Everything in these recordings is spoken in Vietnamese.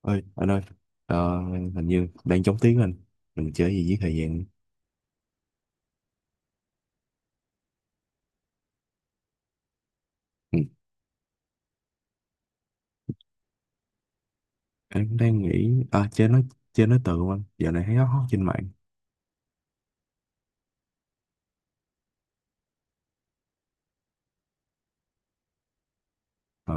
Ơi anh ơi. ờ, Hình như đang chống tiếng Anh. Mình chơi gì với thời gian? Ừ. Anh cũng đang nghĩ, à, chơi nói. Chơi nói từ không anh? Giờ này thấy nó hot trên mạng. Ờ,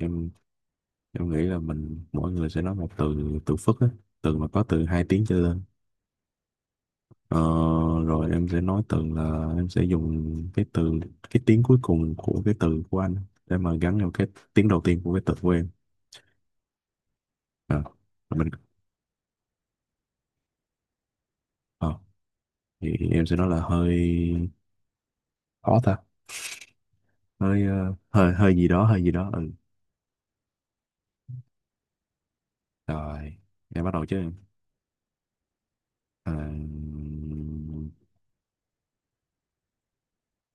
em em nghĩ là mình mỗi người sẽ nói một từ, từ phức á, từ mà có từ hai tiếng trở lên. Ờ, Rồi em sẽ nói từ là em sẽ dùng cái từ, cái tiếng cuối cùng của cái từ của anh để mà gắn vào cái tiếng đầu tiên của cái từ của em. Ờ, mình ờ, thì em sẽ nói là hơi khó ta. Hơi, hơi hơi gì đó, hơi gì đó. Ừ. Rồi em bắt đầu chứ em. Ờ,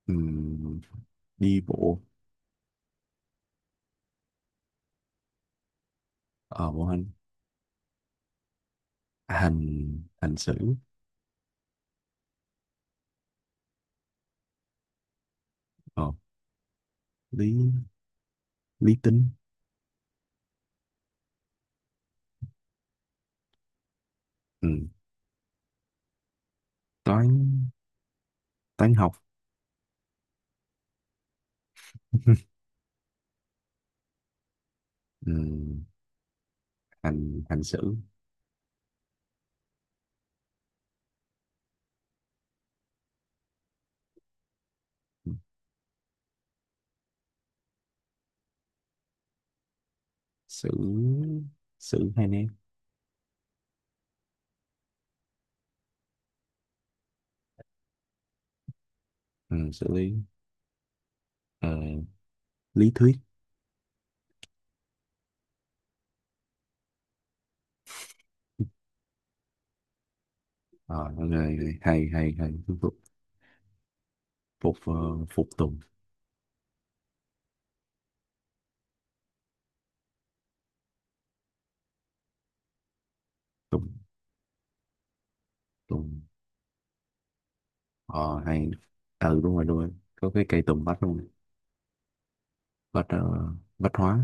ừm, Đi bộ. Ở bộ hành. Hành, hành xử. ờ Lý, lý tính. Ừ. Toán, toán học. ừ, hành, hành Xử, xử, xử hay nè. Ừ, xử lý. Ờ, Lý thuyết. Ờ, rồi rồi, hay hay hay. Phục, phục, phục tùng. Tùng, tùng, ờ hay. Ừ, đúng rồi đúng rồi, có cái cây tùng bách luôn. Bách, bách hóa.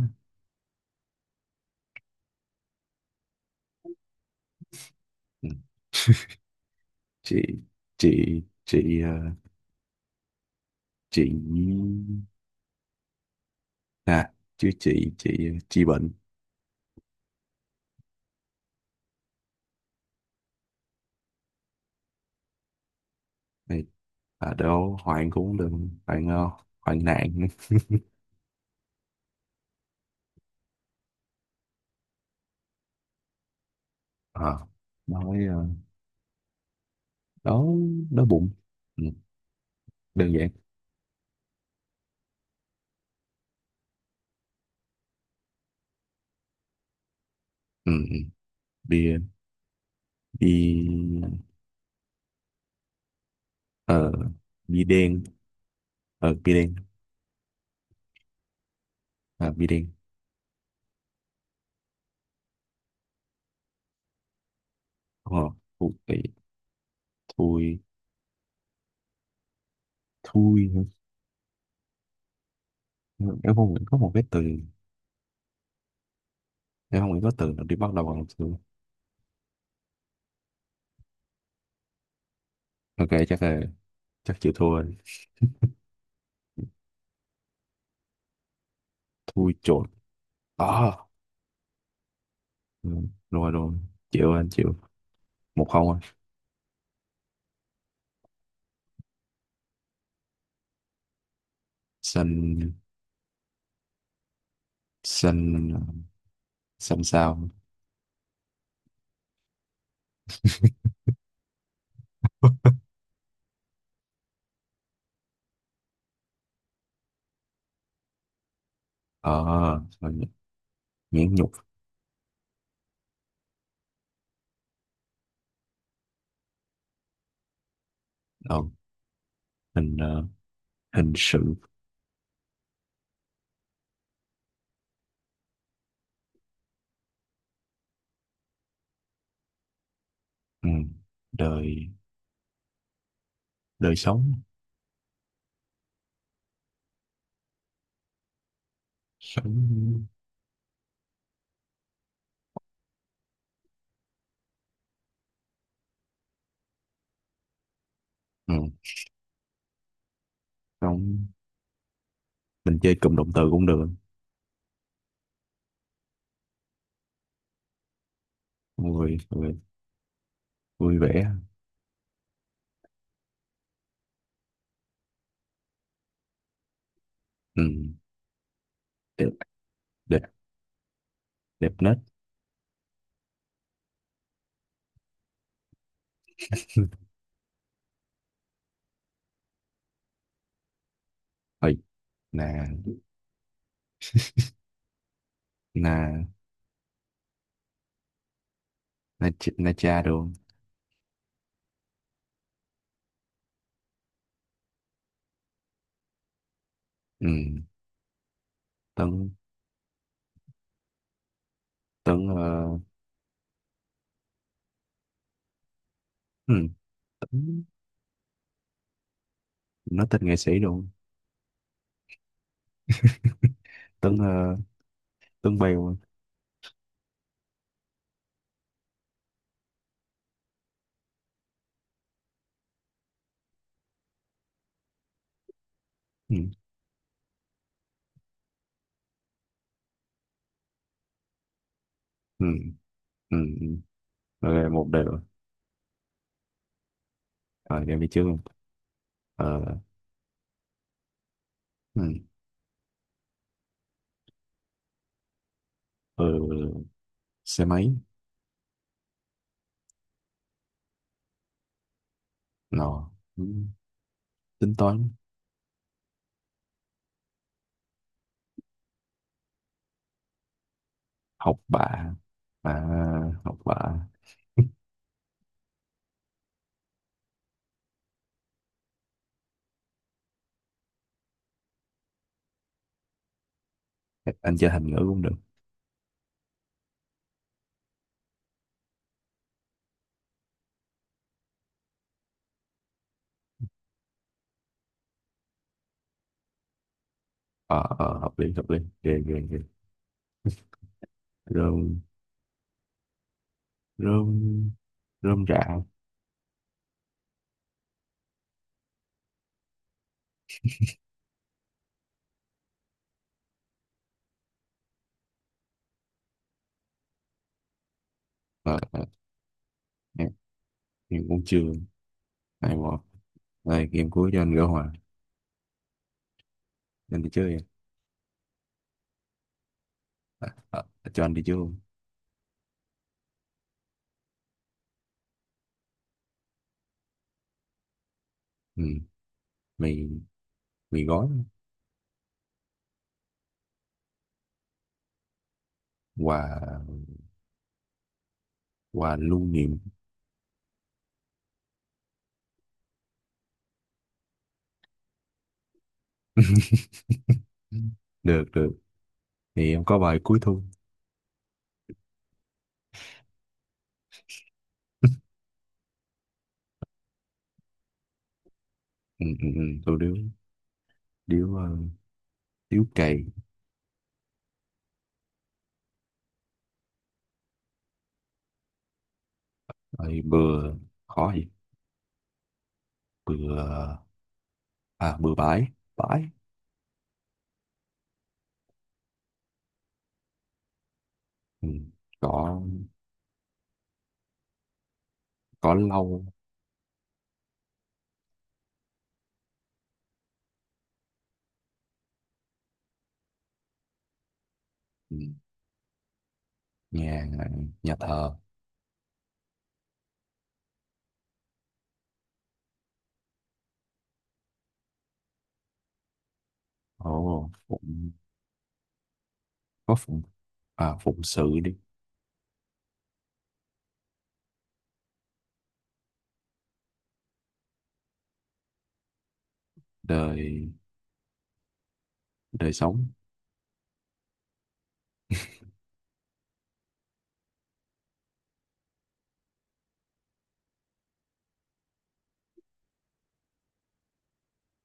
Ừ. chị chị chị, chị, à chứ chị, chị bệnh. Này, à đâu Hoàng cũng đừng. Hoàng, Hoàng nạn. Ờ, nói, đó, đó bụng. Ừ, đơn giản. Ừ, ừ. bia bia, ờ bia đen. ờ bia đen À, bia đen. Ờ, thui, thui, thui. Nhưng em không nghĩ có một cái từ, em không nghĩ có từ nào đi bắt đầu bằng từ. Ok, chắc chịu thua rồi. Thui chột. À, ừ, rồi rồi, chịu, anh chịu. Một không anh. Xanh, xanh, xanh sao? ờ à, nhãn nhục. ờ, Hình, hình sự. Ừ, đời, đời sống. Sống. Ừ, sống, mình chơi cụm động từ cũng được. Vui, vui, vui vẻ. Ừ, đẹp, đẹp, đẹp nết. Ôi, nè, là là cha luôn. Ừ, Tuấn, Tuấn, ừ, Tuấn, nói tên nghệ sĩ luôn. Tuấn, Tuấn Bèo. Ừ. Ừ. Ừ. Ừ, rồi một đều. Rồi đem đi trước luôn. Ờ. Ừ. Ừ. Xe máy. Nọ. Ừ, tính toán, học bạ. À, học bạ. anh chơi thành ngữ cũng được. Ờ hợp lý hợp lý, ghê ghê ghê. Rơm, rơm, rơm rạ. ờ ờ, em, em cũng chưa. Hay quá. Rồi game cuối cho anh gỡ hòa. Anh đi chơi. à, à, Cho anh đi chơi không? Ừ. Mì, mì gói. Quà, quà lưu niệm. Được được. Thì em có bài cuối thu. ừ, ừ, ừ. Tụi điếu. Điếu, điếu cày. Rồi bừa. Khó gì. Bừa. À, bừa bãi. Bãi. Ừ. Cỏ, cỏ lau. Ừ. Nhà, nhà thờ. Ồ, phụng, có phụng, à phụng sự đi. Đời, đời sống.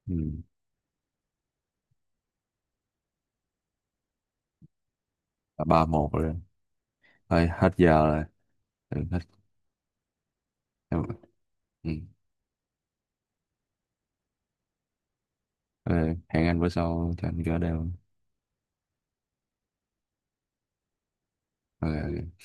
Ừ, ba một rồi. Thôi hết giờ rồi. Ừ, hết. Ừ. Ừ, hẹn anh bữa sau cho anh gỡ đều. Ok, ok.